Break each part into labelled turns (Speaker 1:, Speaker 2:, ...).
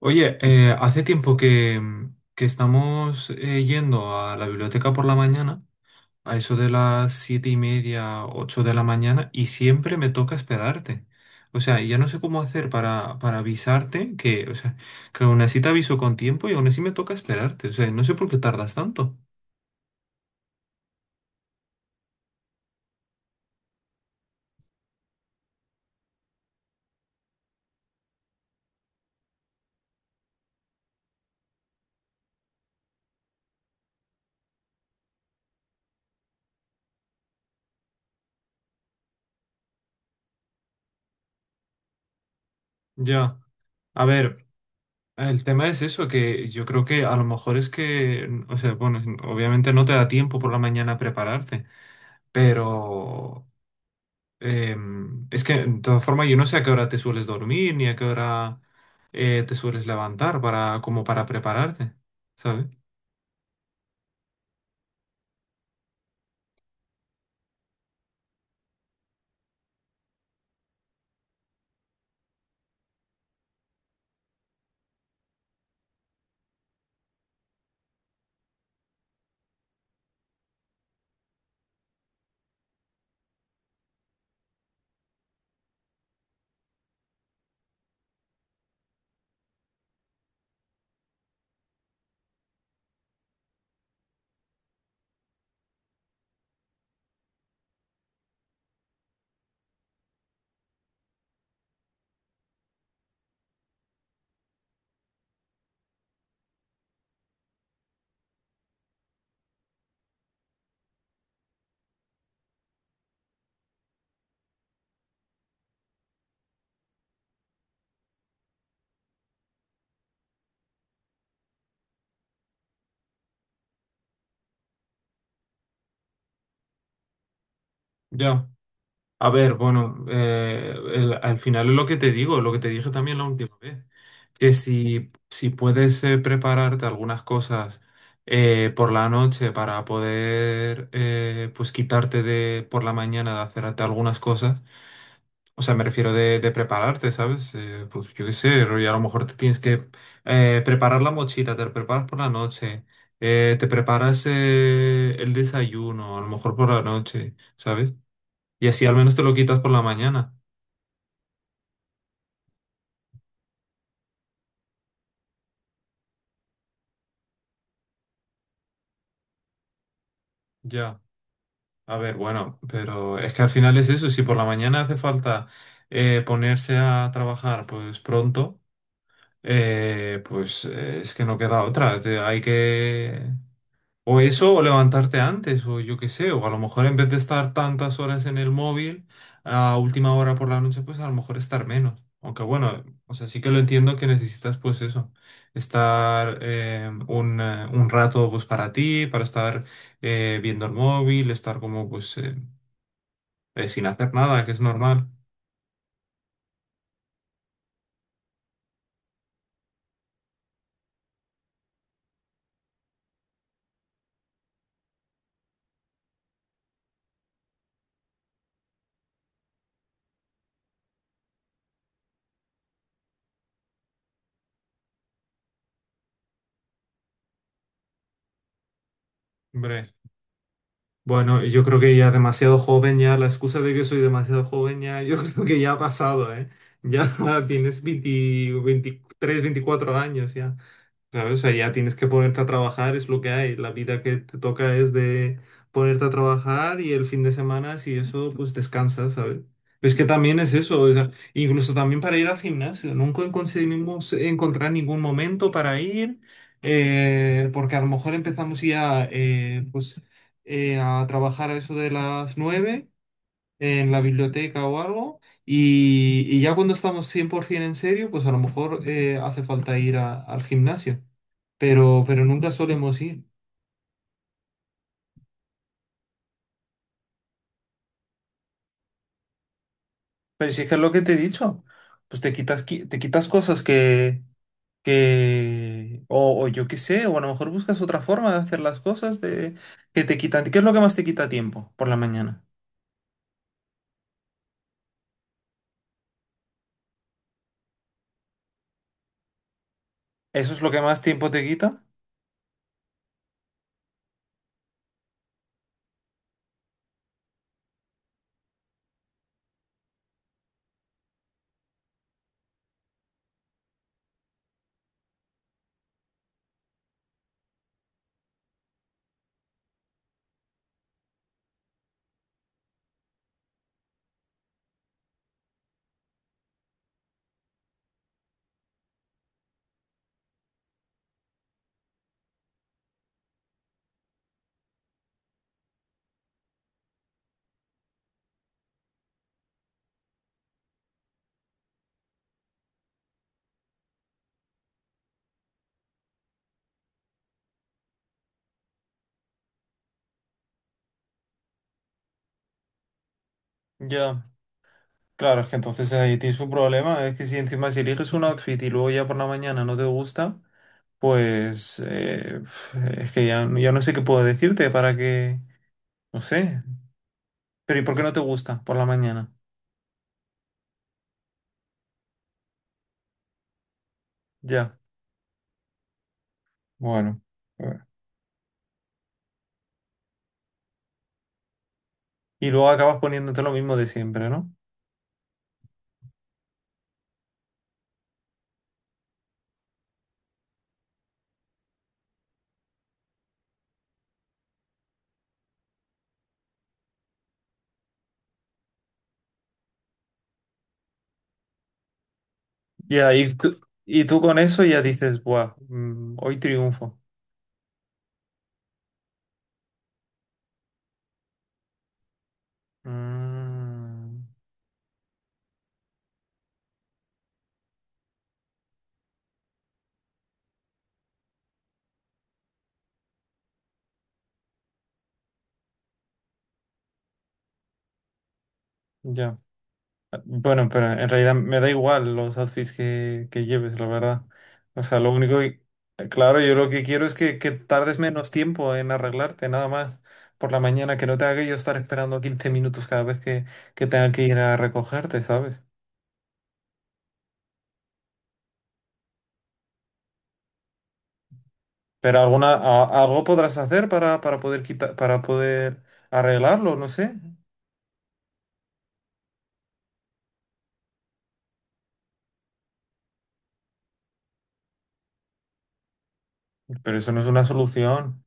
Speaker 1: Oye, hace tiempo que estamos yendo a la biblioteca por la mañana, a eso de las siete y media, ocho de la mañana, y siempre me toca esperarte. O sea, y ya no sé cómo hacer para avisarte que, o sea, que aún así te aviso con tiempo y aún así me toca esperarte. O sea, no sé por qué tardas tanto. Ya. A ver, el tema es eso, que yo creo que a lo mejor es que, o sea, bueno, obviamente no te da tiempo por la mañana a prepararte. Pero es que, de todas formas, yo no sé a qué hora te sueles dormir ni a qué hora te sueles levantar para, como para prepararte, ¿sabes? Ya. A ver, bueno, al final es lo que te digo, lo que te dije también la última vez, que si puedes prepararte algunas cosas por la noche para poder, pues quitarte de por la mañana de hacerte algunas cosas. O sea, me refiero de prepararte, ¿sabes? Pues yo qué sé, rollo, a lo mejor te tienes que preparar la mochila, te la preparas por la noche, te preparas el desayuno, a lo mejor por la noche, ¿sabes? Y así al menos te lo quitas por la mañana. Ya. A ver, bueno, pero es que al final es eso, si por la mañana hace falta ponerse a trabajar pues pronto, es que no queda otra, hay que... O eso, o levantarte antes, o yo qué sé, o a lo mejor en vez de estar tantas horas en el móvil, a última hora por la noche, pues a lo mejor estar menos. Aunque bueno, o sea, sí que lo entiendo que necesitas pues eso, estar un rato pues para ti, para estar viendo el móvil, estar como pues sin hacer nada, que es normal. Hombre. Bueno, yo creo que ya demasiado joven, ya la excusa de que soy demasiado joven, ya yo creo que ya ha pasado, ¿eh? Ya tienes 20 23, 24 años, ya. Claro, o sea, ya tienes que ponerte a trabajar, es lo que hay. La vida que te toca es de ponerte a trabajar y el fin de semana, si eso, pues descansas, ¿sabes? Es que también es eso, o sea, incluso también para ir al gimnasio. Nunca conseguimos encontrar ningún momento para ir, porque a lo mejor empezamos ya a trabajar a eso de las nueve en la biblioteca o algo, y ya cuando estamos 100% en serio, pues a lo mejor hace falta ir al gimnasio, pero nunca solemos ir. Pero si es que es lo que te he dicho, pues te quitas cosas que, o yo qué sé, o a lo mejor buscas otra forma de hacer las cosas de, que te quitan. ¿Qué es lo que más te quita tiempo por la mañana? ¿Eso es lo que más tiempo te quita? Ya. Claro, es que entonces ahí tienes un problema. Es que si encima si eliges un outfit y luego ya por la mañana no te gusta. Pues es que ya, ya no sé qué puedo decirte para que... No sé. Pero ¿y por qué no te gusta por la mañana? Ya. Bueno. Bueno. Y luego acabas poniéndote lo mismo de siempre, ¿no? Ya, y tú con eso ya dices, buah, hoy triunfo. Mm, ya. Bueno, pero en realidad me da igual los outfits que lleves, la verdad. O sea, lo único que... Claro, yo lo que quiero es que tardes menos tiempo en arreglarte, nada más. Por la mañana, que no tenga que yo estar esperando 15 minutos cada vez que tenga que ir a recogerte, ¿sabes? Pero algo podrás hacer para poder quitar, para poder arreglarlo, no sé. Pero eso no es una solución.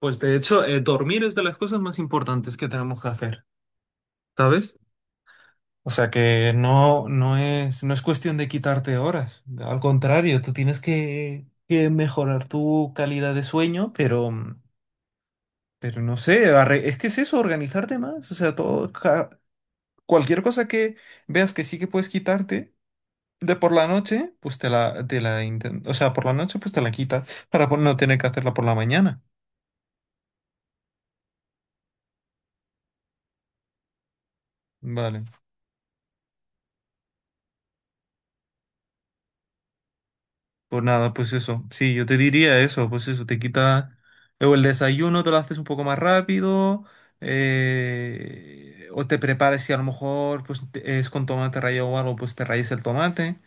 Speaker 1: Pues de hecho, dormir es de las cosas más importantes que tenemos que hacer, ¿sabes? O sea que no es, no es cuestión de quitarte horas. Al contrario, tú tienes que mejorar tu calidad de sueño, pero, pero no sé, es que es eso, organizarte más. O sea, cualquier cosa que veas que sí que puedes quitarte de por la noche, pues o sea, por la noche pues te la quitas para no tener que hacerla por la mañana. Vale. Por nada, pues eso. Sí, yo te diría eso, pues eso, te quita. Luego el desayuno te lo haces un poco más rápido. Eh, o te prepares si a lo mejor es con tomate rallado o algo, pues te rayes el tomate.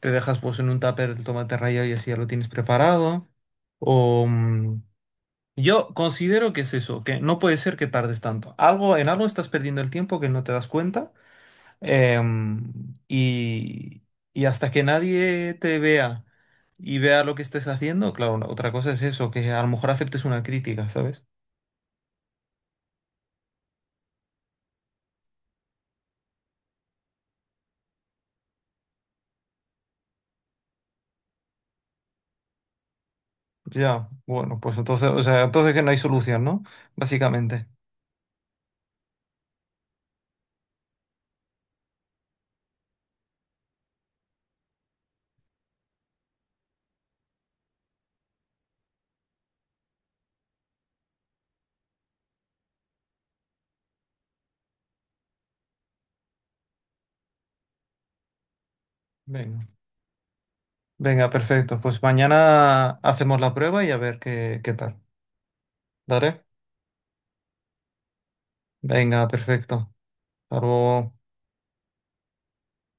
Speaker 1: Te dejas pues en un tupper el tomate rallado y así ya lo tienes preparado. O yo considero que es eso, que no puede ser que tardes tanto. Algo, en algo estás perdiendo el tiempo que no te das cuenta. Em, y, y hasta que nadie te vea y vea lo que estés haciendo, claro, otra cosa es eso, que a lo mejor aceptes una crítica, ¿sabes? Ya, bueno, pues entonces, o sea, entonces que no hay solución, ¿no? Básicamente. Venga. Venga, perfecto. Pues mañana hacemos la prueba y a ver qué, qué tal. ¿Vale? Venga, perfecto. Hasta luego.